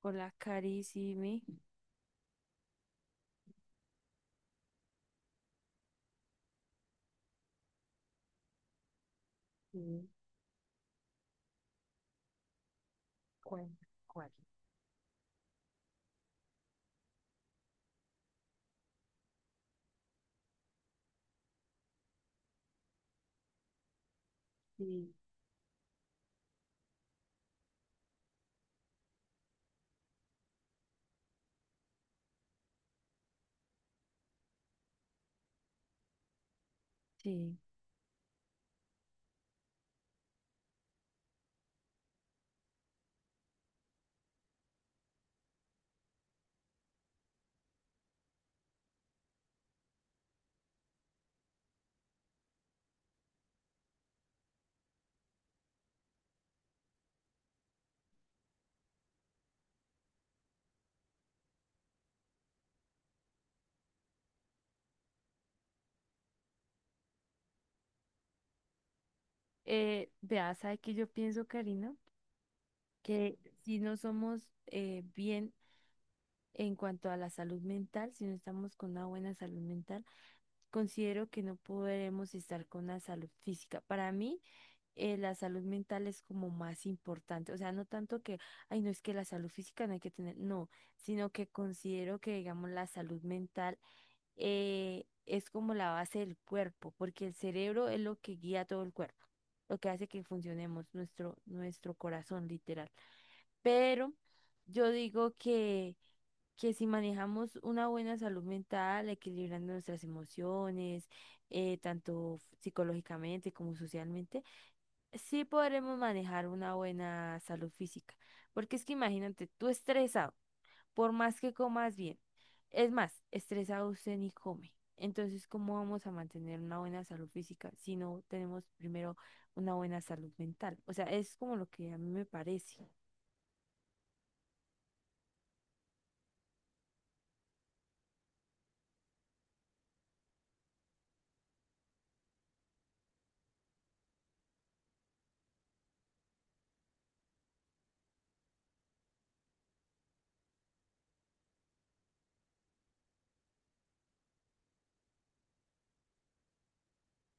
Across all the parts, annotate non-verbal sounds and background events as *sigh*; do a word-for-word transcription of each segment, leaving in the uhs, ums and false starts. Hola, Cari, sí, mi. Sí, ¿cuál? ¿Cuál? Sí. Sí. Eh, vea, ¿sabe qué yo pienso, Karina? Que si no somos eh, bien en cuanto a la salud mental, si no estamos con una buena salud mental, considero que no podremos estar con la salud física. Para mí, eh, la salud mental es como más importante. O sea, no tanto que, ay, no es que la salud física no hay que tener, no, sino que considero que, digamos, la salud mental eh, es como la base del cuerpo, porque el cerebro es lo que guía todo el cuerpo, lo que hace que funcionemos, nuestro, nuestro corazón, literal. Pero yo digo que... que si manejamos una buena salud mental, equilibrando nuestras emociones, eh, tanto psicológicamente como socialmente, sí podremos manejar una buena salud física, porque es que imagínate, tú estresado, por más que comas bien, es más, estresado usted ni come. Entonces, ¿cómo vamos a mantener una buena salud física si no tenemos primero una buena salud mental? O sea, es como lo que a mí me parece.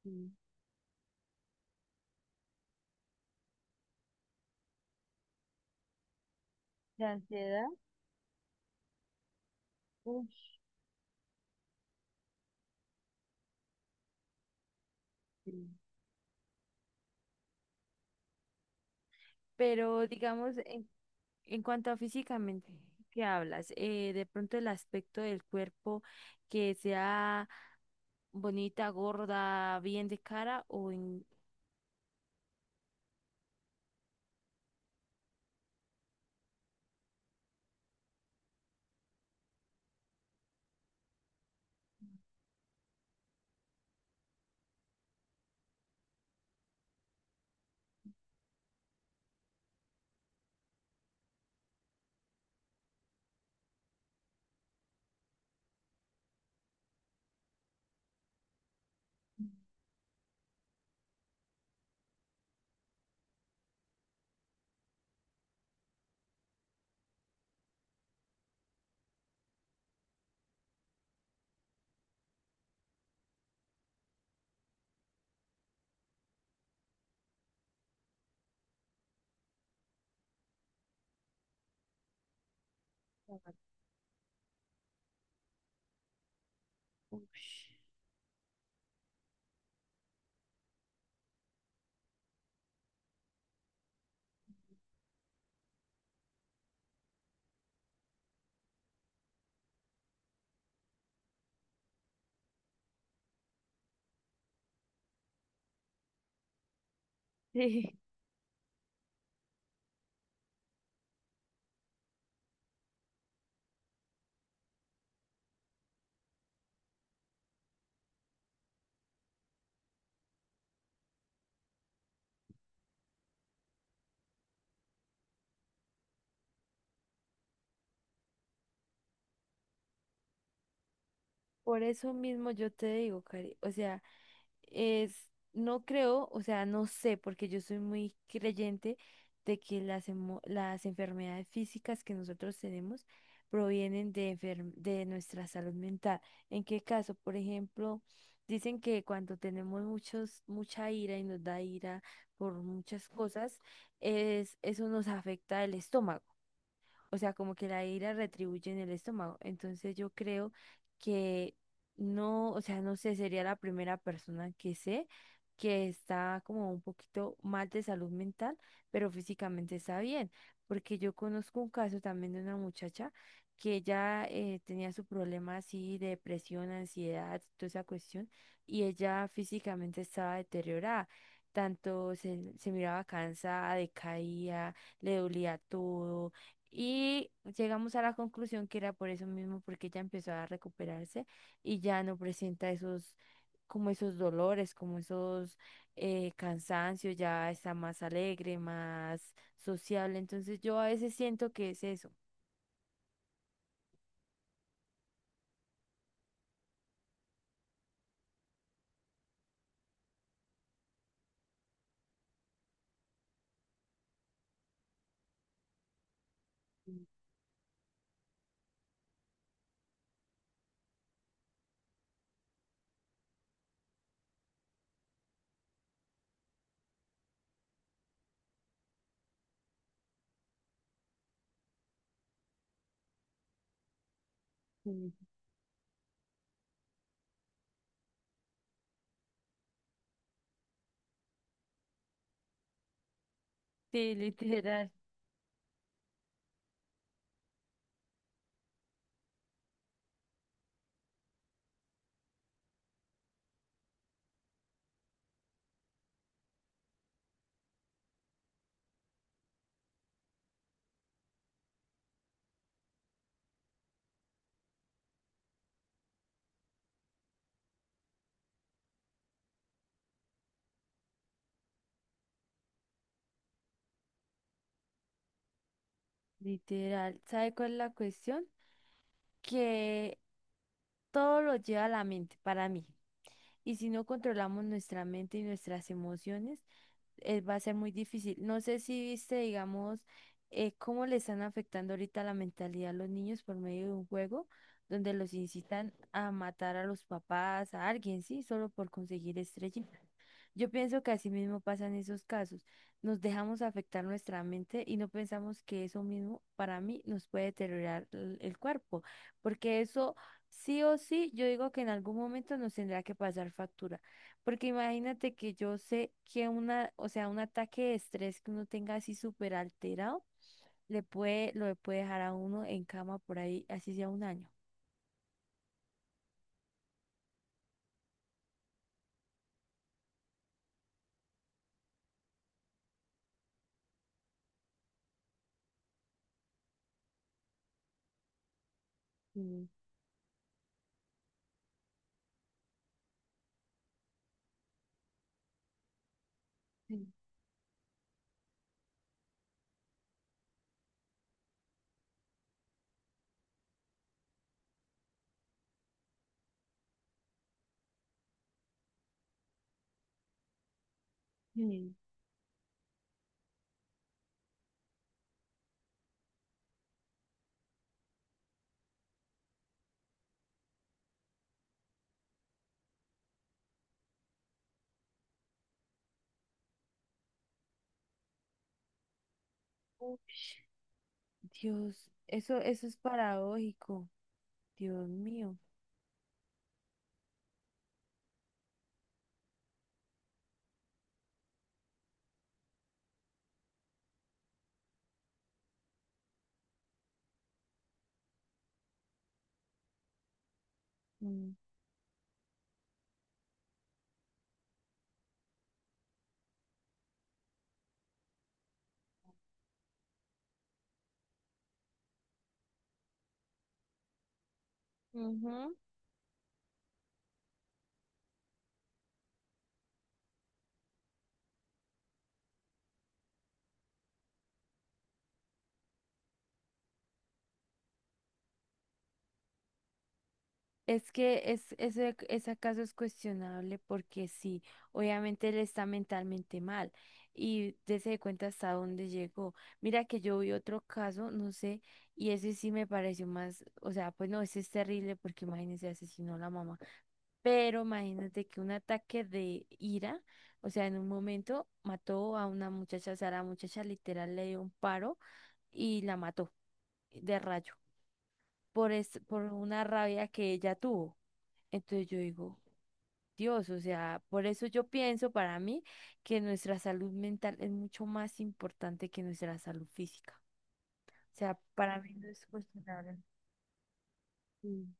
Sí. ¿De ansiedad? Uf, sí. Pero digamos, en, en cuanto a físicamente, ¿qué hablas? Eh, de pronto el aspecto del cuerpo que sea bonita, gorda, bien de cara o en... *laughs* Ush. Sí, por eso mismo yo te digo, Cari, o sea, es, no creo, o sea, no sé, porque yo soy muy creyente de que las, emo- las enfermedades físicas que nosotros tenemos provienen de, enfer- de nuestra salud mental. ¿En qué caso? Por ejemplo, dicen que cuando tenemos muchos, mucha ira y nos da ira por muchas cosas, es, eso nos afecta el estómago. O sea, como que la ira retribuye en el estómago. Entonces yo creo que no, o sea, no sé, sería la primera persona que sé que está como un poquito mal de salud mental, pero físicamente está bien. Porque yo conozco un caso también de una muchacha que ella eh, tenía su problema así de depresión, ansiedad, toda esa cuestión, y ella físicamente estaba deteriorada. Tanto se, se miraba cansada, decaía, le dolía todo y llegamos a la conclusión que era por eso mismo, porque ella empezó a recuperarse y ya no presenta esos, como esos dolores, como esos eh, cansancios, ya está más alegre, más sociable. Entonces yo a veces siento que es eso. Sí, sí, literal, literal. ¿Sabe cuál es la cuestión? Que todo lo lleva a la mente para mí. Y si no controlamos nuestra mente y nuestras emociones, eh, va a ser muy difícil. No sé si viste, digamos, eh, cómo le están afectando ahorita la mentalidad a los niños por medio de un juego donde los incitan a matar a los papás, a alguien, sí, solo por conseguir estrellitas. Yo pienso que así mismo pasan esos casos. Nos dejamos afectar nuestra mente y no pensamos que eso mismo para mí nos puede deteriorar el el cuerpo, porque eso sí o sí, yo digo que en algún momento nos tendrá que pasar factura. Porque imagínate que yo sé que una, o sea, un ataque de estrés que uno tenga así súper alterado, le puede, lo puede dejar a uno en cama por ahí, así sea un año. Mm, mm, mm. Dios, eso, eso es paradójico. Dios mío. Mm. Ujú. Es que es, ese, ese caso es cuestionable porque sí, obviamente él está mentalmente mal y dése cuenta hasta dónde llegó. Mira que yo vi otro caso, no sé, y ese sí me pareció más, o sea, pues no, ese es terrible porque imagínese, asesinó a la mamá, pero imagínate que un ataque de ira, o sea, en un momento mató a una muchacha, o sea, la muchacha literal le dio un paro y la mató de rayo por, es, por una rabia que ella tuvo. Entonces yo digo, Dios, o sea, por eso yo pienso para mí que nuestra salud mental es mucho más importante que nuestra salud física. O sea, para mí no es cuestionable. Mm.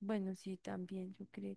Bueno, sí, también yo creo.